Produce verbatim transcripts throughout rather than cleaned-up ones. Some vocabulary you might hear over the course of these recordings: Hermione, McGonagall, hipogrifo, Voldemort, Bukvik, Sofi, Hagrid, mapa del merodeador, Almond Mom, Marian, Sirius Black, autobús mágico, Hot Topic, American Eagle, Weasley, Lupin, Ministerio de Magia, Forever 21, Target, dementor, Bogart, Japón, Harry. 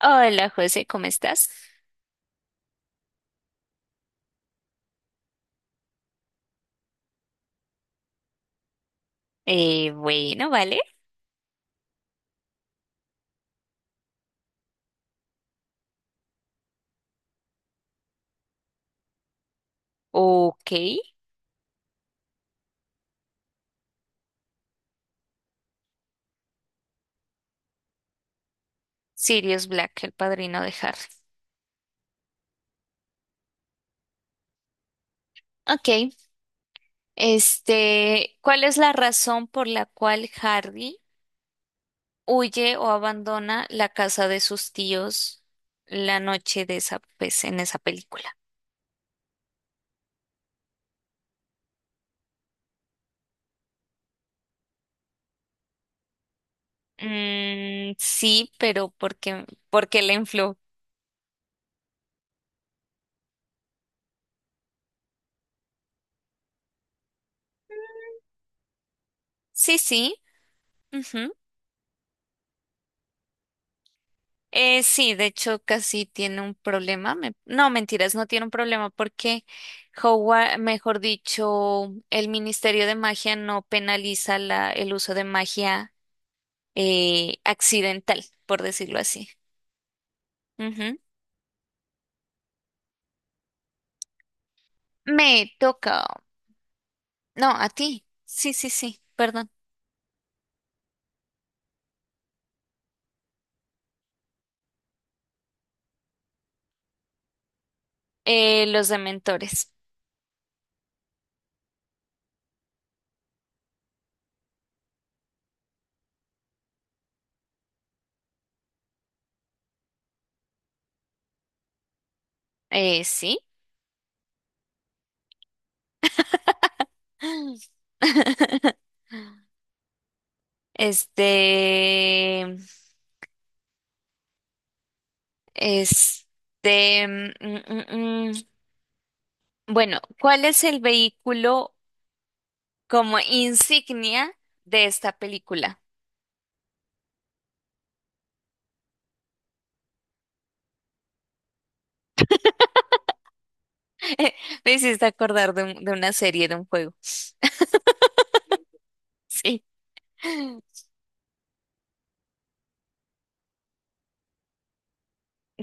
Hola José, ¿cómo estás? Eh, bueno, vale. Ok. Sirius Black, el padrino de Harry. Ok. Este, ¿cuál es la razón por la cual Harry huye o abandona la casa de sus tíos la noche de esa, pues, en esa película? Mm, sí, pero porque, porque le infló. Sí, sí. Eh, sí, de hecho casi tiene un problema. me- No, mentiras, no tiene un problema porque Howard, mejor dicho, el Ministerio de Magia no penaliza la, el uso de magia eh, accidental, por decirlo así. Ujú. Me toca. No, a ti. Sí, sí, sí, perdón. Eh, los dementores. Eh, sí. Este, este, mm, mm, mm. Bueno, ¿cuál es el vehículo como insignia de esta película? Me hiciste acordar de, un- de una serie, de un juego. Sí,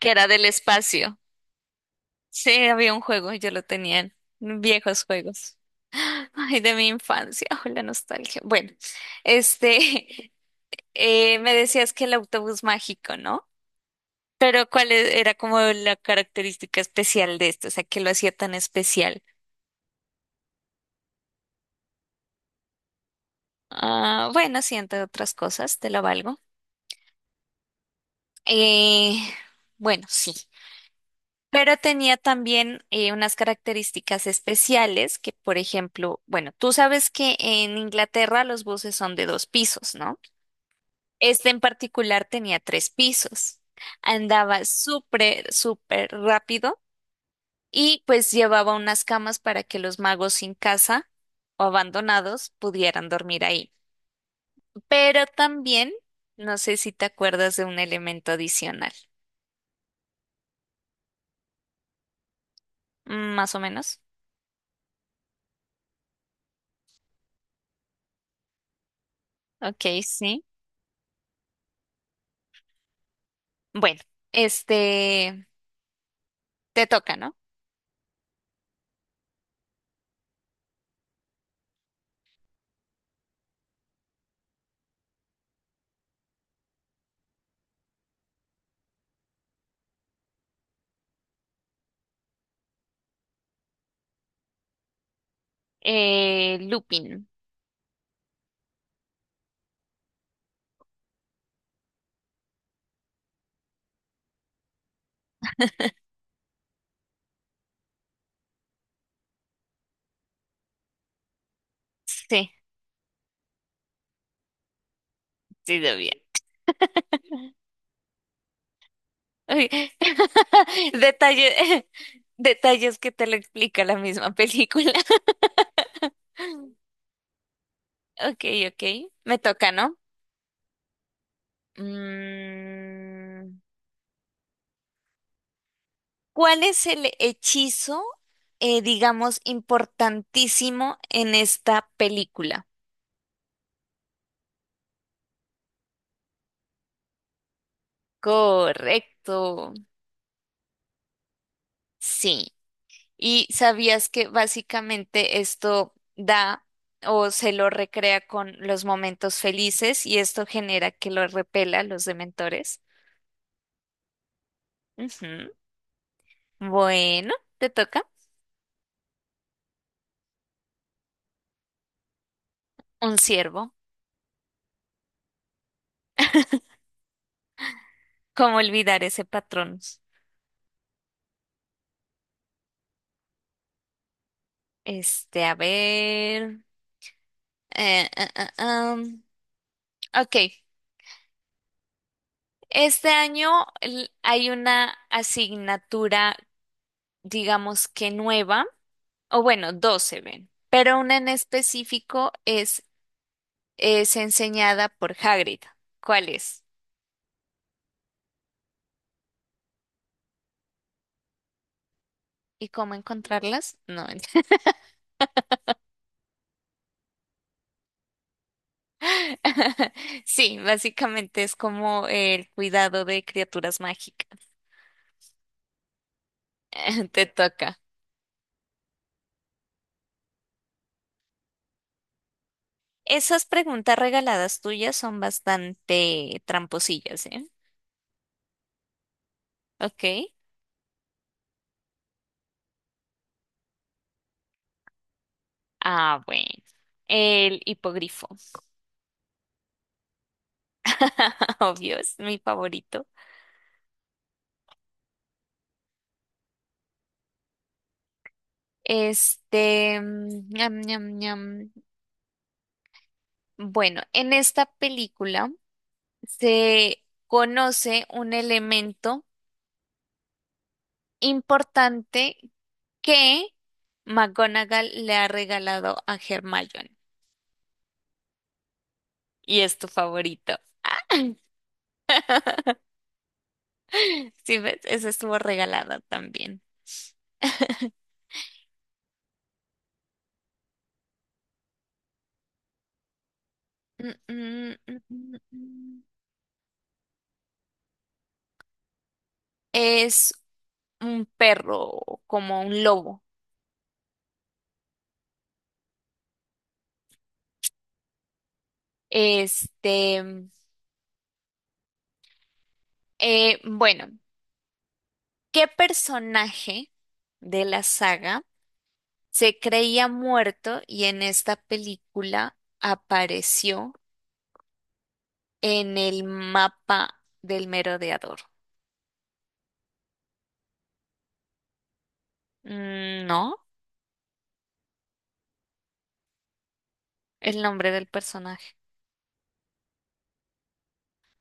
que era del espacio. Sí, había un juego, yo lo tenía en viejos juegos. Ay, de mi infancia, oh, la nostalgia. Bueno, este, eh, me decías que el autobús mágico, ¿no? Pero ¿cuál e- era como la característica especial de esto? O sea, ¿qué lo hacía tan especial? Ah, bueno, sí, entre otras cosas, te lo valgo. Eh, bueno, sí. Pero tenía también eh, unas características especiales que, por ejemplo, bueno, tú sabes que en Inglaterra los buses son de dos pisos, ¿no? Este en particular tenía tres pisos. Andaba súper, súper rápido y pues llevaba unas camas para que los magos sin casa o abandonados pudieran dormir ahí. Pero también, no sé si te acuerdas de un elemento adicional. Mm, Más o menos. Ok, sí. Bueno, este, te toca, ¿no? Eh, Lupin. Sí, sí, lo bien. Uy, detalle, detalles que te lo explica la misma película. Ok, ok. Me toca, ¿no? Mm, ¿Cuál es el hechizo, eh, digamos, importantísimo en esta película? Correcto. Sí. Y sabías que básicamente esto da o se lo recrea con los momentos felices y esto genera que lo repela a los dementores. Ujú. Bueno, te toca un ciervo. ¿Cómo olvidar ese patrón? Este, a ver. eh, ah, ah, ah. Ok. Este año l- hay una asignatura, digamos que nueva, o bueno, dos se ven, pero una en específico es es enseñada por Hagrid. ¿Cuáles? ¿Y cómo encontrarlas? No. ent- Sí, básicamente es como el cuidado de criaturas mágicas. Te toca. Esas preguntas regaladas tuyas son bastante tramposillas, ¿eh? Ok. Ah, bueno. El hipogrifo. Obvio, es mi favorito. Este, mm, ñam, ñam, ñam. Bueno, en esta película se conoce un elemento importante que McGonagall le ha regalado a Hermione. Y es tu favorito. Sí, ves, eso estuvo regalado también. Mm, mm, mm, mm, mm. Es un perro, como un lobo. Este, eh, bueno, ¿qué personaje de la saga se creía muerto y en esta película apareció en el mapa del merodeador? Mm, No, el nombre del personaje.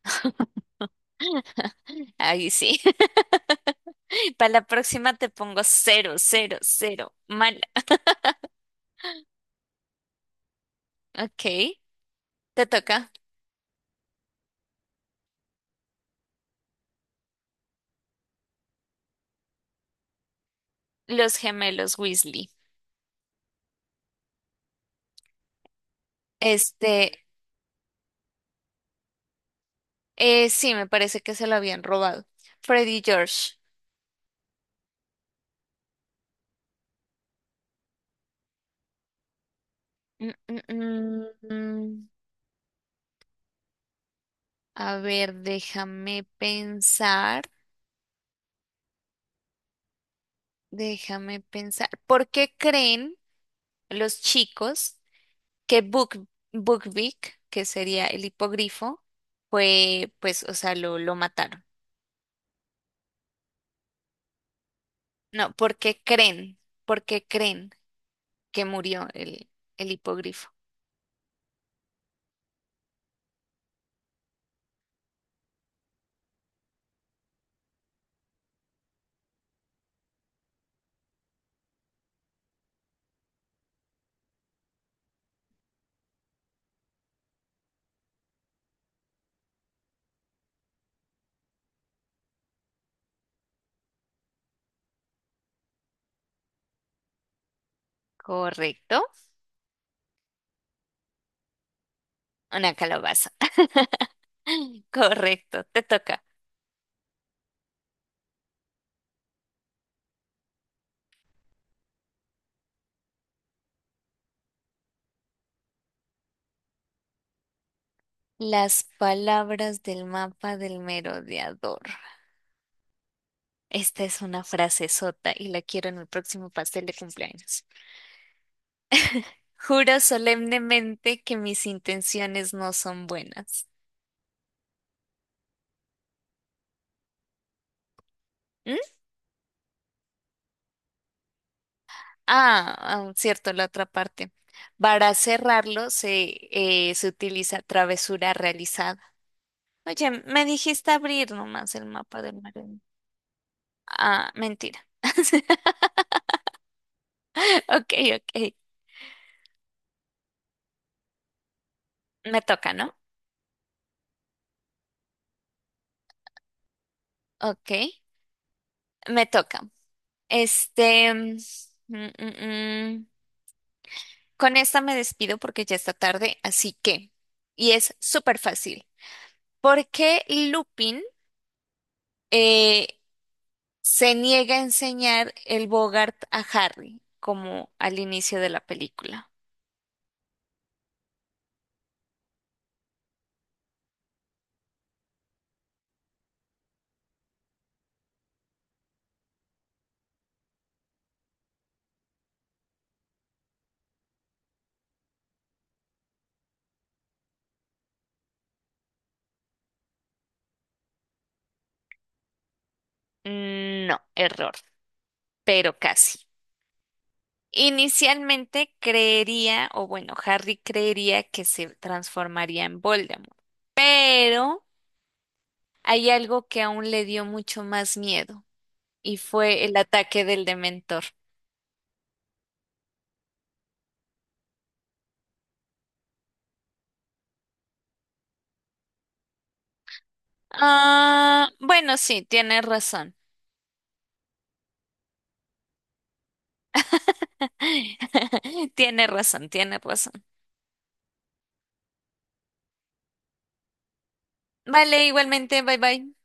Ahí sí. Para la próxima te pongo cero, cero, cero. Mal. Ok, te toca. Los gemelos Weasley. Este, eh, sí, me parece que se lo habían robado. Freddy y George. Mm, mm, mm, mm. A ver, déjame pensar. Déjame pensar. ¿Por qué creen los chicos que Buk- Bukvik, que sería el hipogrifo, fue, pues, o sea, lo, lo mataron? No, ¿por qué creen? ¿Por qué creen que murió el, el hipogrifo? Correcto. Una calabaza. Correcto, te toca. Las palabras del mapa del merodeador. Esta es una frase sota y la quiero en el próximo pastel de cumpleaños. Juro solemnemente que mis intenciones no son buenas. ¿Mm? Ah, ah, cierto, la otra parte. Para cerrarlo se, eh, se utiliza travesura realizada. Oye, me dijiste abrir nomás el mapa del mar. Ah, mentira. Ok, ok. Me toca, ¿no? Ok, me toca. Este, mm, mm, mm. Con esta me despido porque ya está tarde, así que, y es súper fácil. ¿Por qué Lupin eh, se niega a enseñar el Bogart a Harry, como al inicio de la película? No, error, pero casi. Inicialmente creería, o bueno, Harry creería que se transformaría en Voldemort, pero hay algo que aún le dio mucho más miedo, y fue el ataque del Dementor. Ah, bueno, sí, tiene razón. Tiene razón, tiene razón. Vale, igualmente, bye bye.